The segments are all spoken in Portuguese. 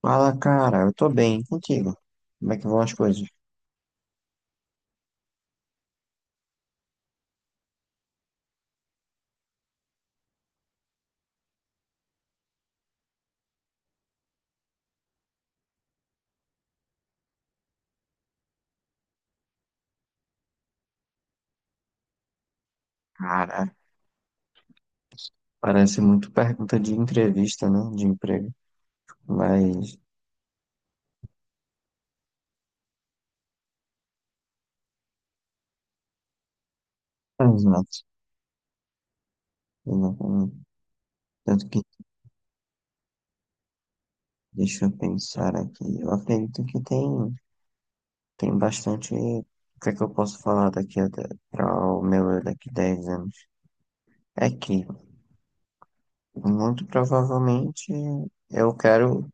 Fala, cara, eu tô bem e contigo. Como é que vão as coisas? Cara, parece muito pergunta de entrevista, né? De emprego. Mas. Ah, exato. Eu não- eu- Tanto que, deixa eu pensar aqui. Eu acredito que tem bastante. O que é que eu posso falar daqui a para o meu eu daqui a 10 anos? É que, muito provavelmente, eu quero,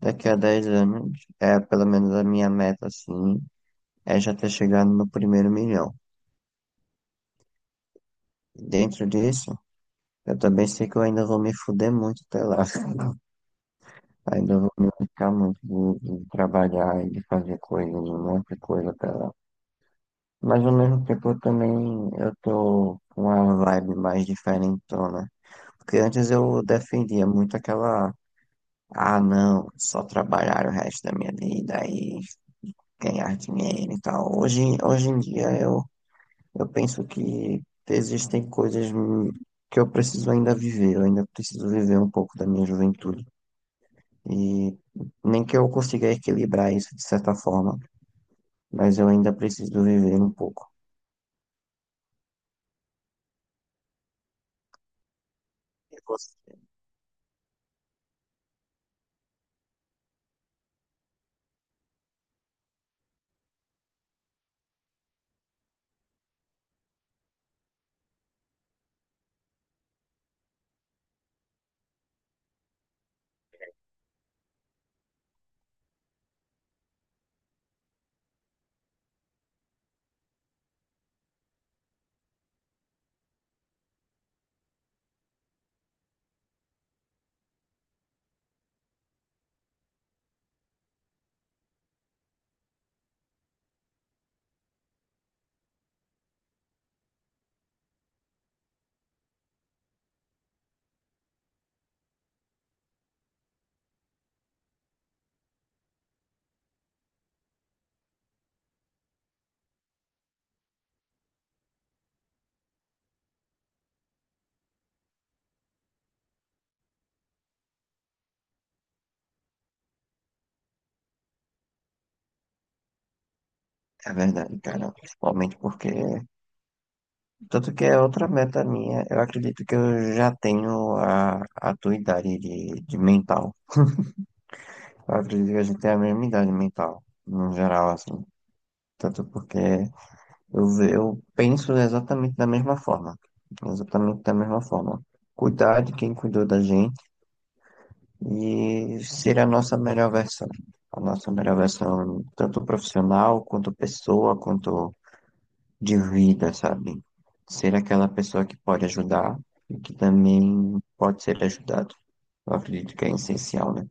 daqui a 10 anos, é pelo menos a minha meta, assim, é já ter chegado no primeiro milhão. Dentro disso, eu também sei que eu ainda vou me fuder muito até lá. Ainda vou me ficar muito de trabalhar e de fazer coisas, um monte de coisa até lá. Mas ao mesmo tempo eu tô com uma vibe mais diferentona. Porque antes eu defendia muito aquela, ah não, só trabalhar o resto da minha vida e ganhar dinheiro e tal. Hoje em eu penso que existem coisas que eu preciso ainda viver, eu ainda preciso viver um pouco da minha juventude. E nem que eu consiga equilibrar isso de certa forma, mas eu ainda preciso viver um pouco. E você- É verdade, cara. Principalmente porque. Tanto que é outra meta minha. Eu acredito que eu já tenho a tua idade de mental. Eu acredito que a gente tem a mesma idade mental, no geral, assim. Tanto porque eu penso exatamente da mesma forma. Exatamente da mesma forma. Cuidar de quem cuidou da gente e ser a nossa melhor versão. A nossa melhor versão, tanto profissional, quanto pessoa, quanto de vida, sabe? Ser aquela pessoa que pode ajudar e que também pode ser ajudado. Eu acredito que é essencial, né?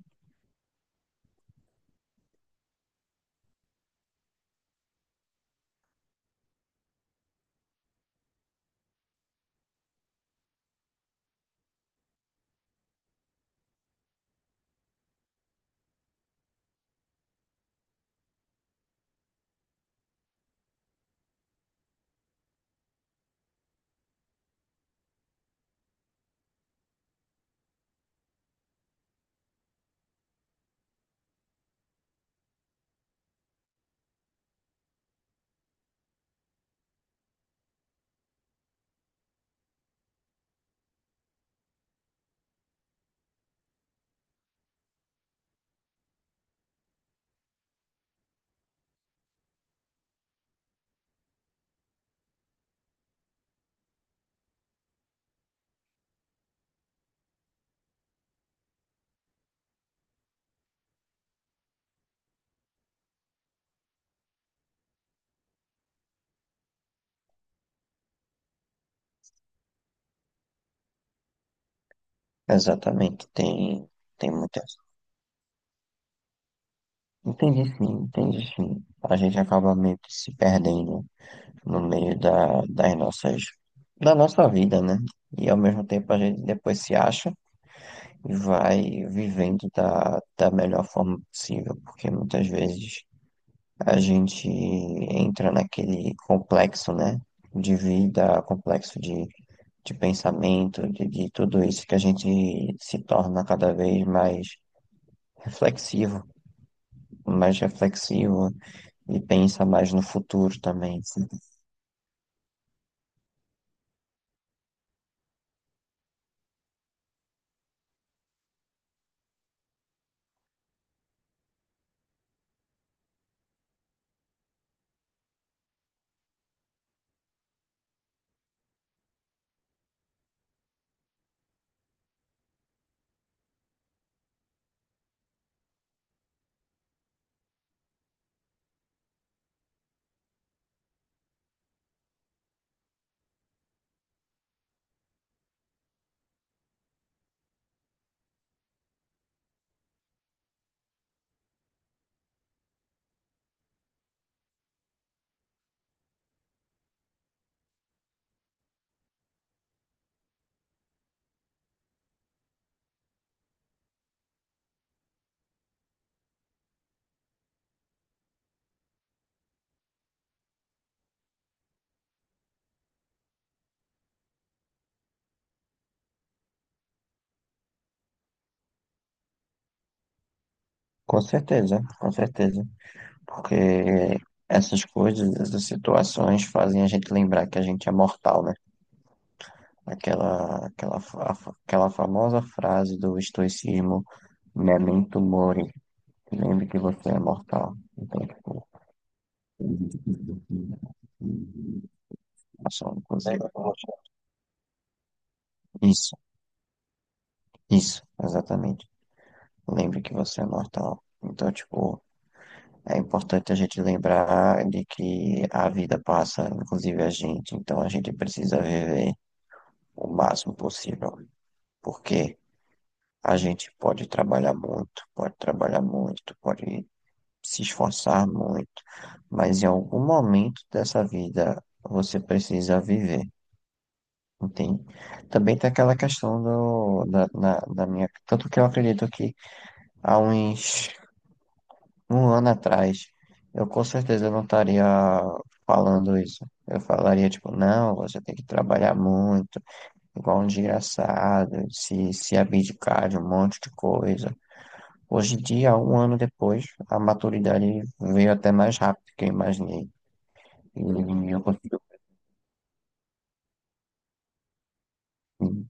Exatamente, tem muitas. Entendi sim, entendi sim. A gente acaba meio que se perdendo no meio da nossa vida, né? E ao mesmo tempo a gente depois se acha e vai vivendo da melhor forma possível, porque muitas vezes a gente entra naquele complexo, né, de vida, complexo de pensamento, de tudo isso que a gente se torna cada vez mais reflexivo, mais reflexivo e pensa mais no futuro também. Com certeza, porque essas coisas, essas situações fazem a gente lembrar que a gente é mortal, né? Aquela famosa frase do estoicismo, memento mori, lembre que você é mortal. Então, tipo, a sua inclusive. Isso, isso, exatamente. Lembre que você é mortal. Então, tipo, é importante a gente lembrar de que a vida passa, inclusive a gente. Então, a gente precisa viver o máximo possível. Porque a gente pode trabalhar muito, pode trabalhar muito, pode se esforçar muito, mas em algum momento dessa vida você precisa viver, entende? Também tem aquela questão da minha. Tanto que eu acredito que há uns um ano atrás eu com certeza não estaria falando isso. Eu falaria, tipo, não, você tem que trabalhar muito, igual um desgraçado, se abdicar de um monte de coisa. Hoje em dia, um ano depois, a maturidade veio até mais rápido que eu imaginei. E eu consigo. Sim,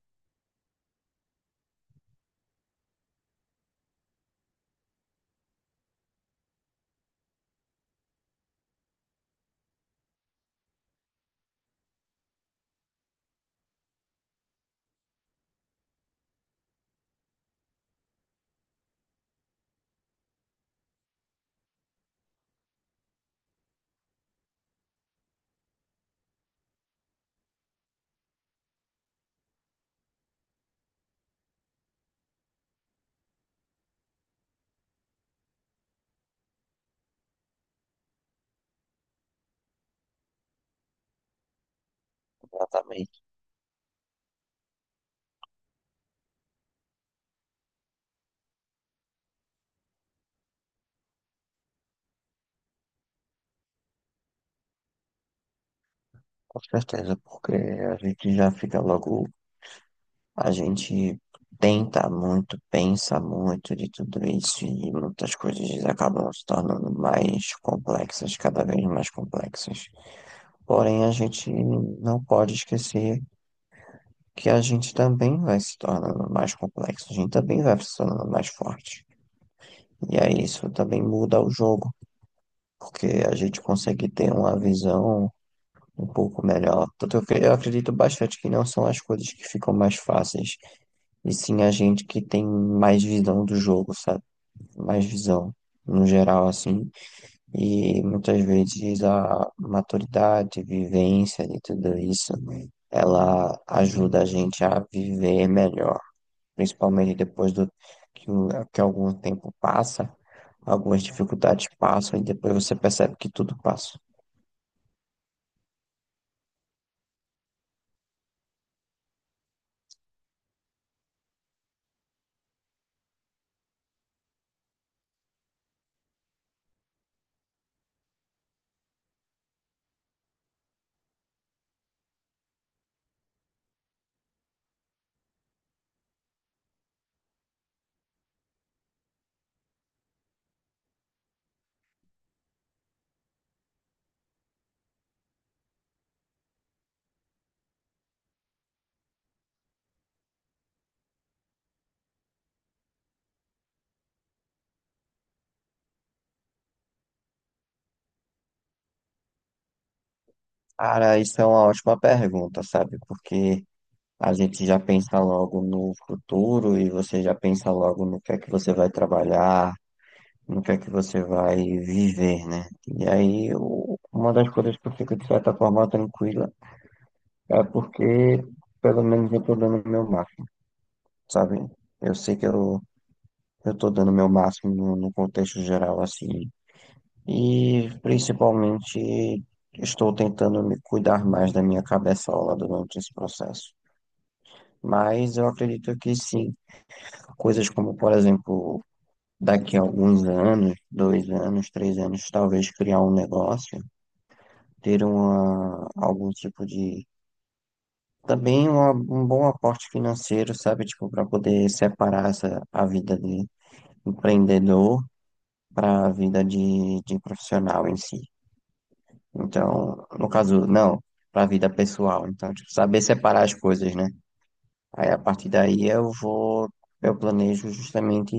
exatamente, com certeza, porque a gente já fica logo, a gente tenta muito, pensa muito de tudo isso e muitas coisas acabam se tornando mais complexas, cada vez mais complexas. Porém, a gente não pode esquecer que a gente também vai se tornando mais complexo, a gente também vai se tornando mais forte. E aí isso também muda o jogo, porque a gente consegue ter uma visão um pouco melhor. Tanto eu, que eu acredito bastante que não são as coisas que ficam mais fáceis, e sim a gente que tem mais visão do jogo, sabe? Mais visão, no geral, assim. E muitas vezes a maturidade, vivência e tudo isso, né? Ela ajuda a gente a viver melhor, principalmente depois do que algum tempo passa. Algumas dificuldades passam e depois você percebe que tudo passa. Cara, isso é uma ótima pergunta, sabe? Porque a gente já pensa logo no futuro e você já pensa logo no que é que você vai trabalhar, no que é que você vai viver, né? E aí, uma das coisas que eu fico, de certa forma, tranquila é porque, pelo menos, eu tô dando o meu máximo, sabe? Eu sei que eu tô dando o meu máximo no contexto geral, assim. E, principalmente, estou tentando me cuidar mais da minha cabeçola durante esse processo. Mas eu acredito que sim. Coisas como, por exemplo, daqui a alguns anos, dois anos, três anos, talvez criar um negócio, ter algum tipo de. Também um bom aporte financeiro, sabe? Tipo, para poder separar essa, a vida de empreendedor para a vida de profissional em si. Então, no caso, não, para a vida pessoal. Então, tipo, saber separar as coisas, né? Aí, a partir daí, eu vou. Eu planejo justamente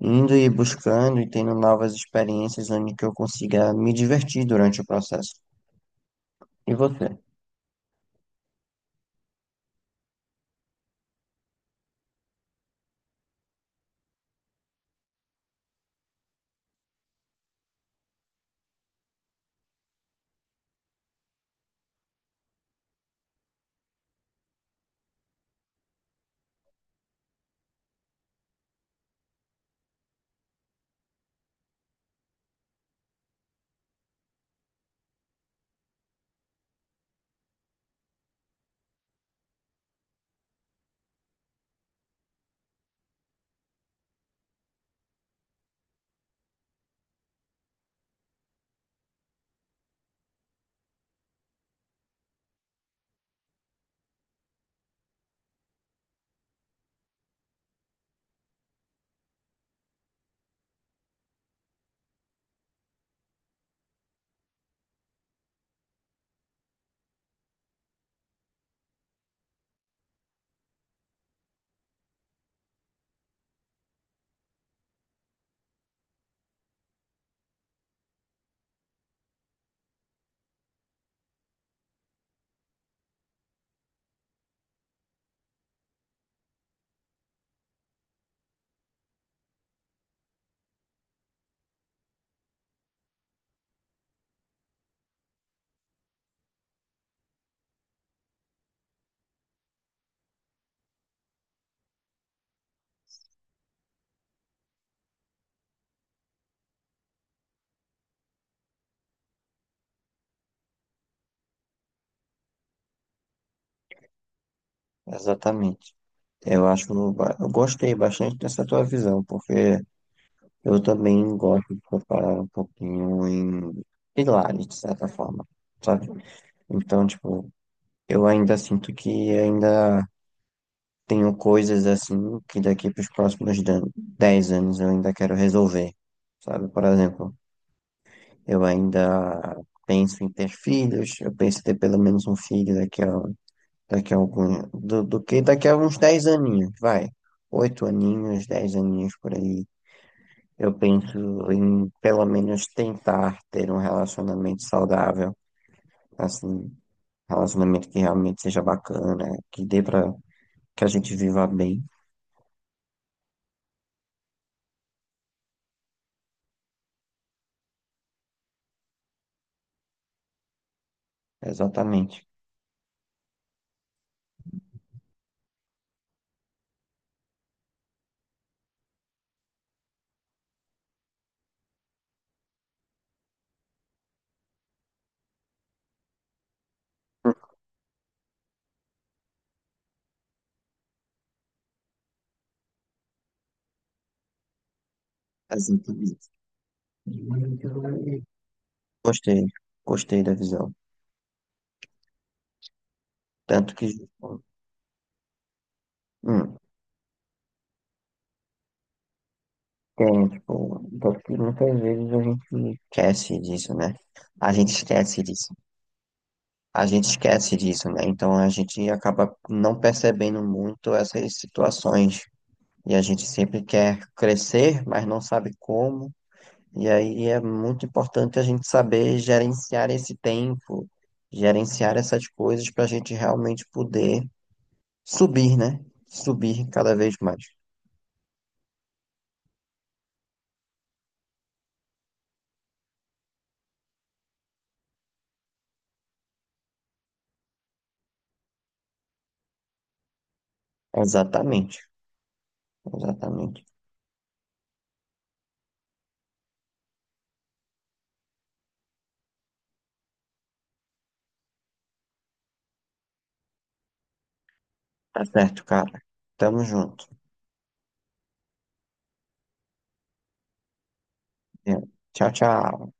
indo e buscando e tendo novas experiências onde que eu consiga me divertir durante o processo. E você? Exatamente. Eu gostei bastante dessa tua visão, porque eu também gosto de preparar um pouquinho em pilares, de certa forma, sabe? Então, tipo, eu ainda sinto que ainda tenho coisas assim que daqui para os próximos 10 anos eu ainda quero resolver, sabe? Por exemplo, eu ainda penso em ter filhos, eu penso em ter pelo menos um filho daqui a algum, do, do que daqui a uns dez aninhos, vai. Oito aninhos, 10 aninhos por aí. Eu penso em pelo menos tentar ter um relacionamento saudável, assim, relacionamento que realmente seja bacana, que dê pra que a gente viva bem. Exatamente. Exatamente. Gostei, gostei da visão. Tanto que. hum. Tem, tipo, porque muitas vezes a gente esquece disso, né? A gente esquece disso. A gente esquece disso, né? Então a gente acaba não percebendo muito essas situações. E a gente sempre quer crescer, mas não sabe como. E aí é muito importante a gente saber gerenciar esse tempo, gerenciar essas coisas para a gente realmente poder subir, né? Subir cada vez mais. Exatamente, exatamente. Tá certo, cara. Tamo junto. É. Tchau, tchau.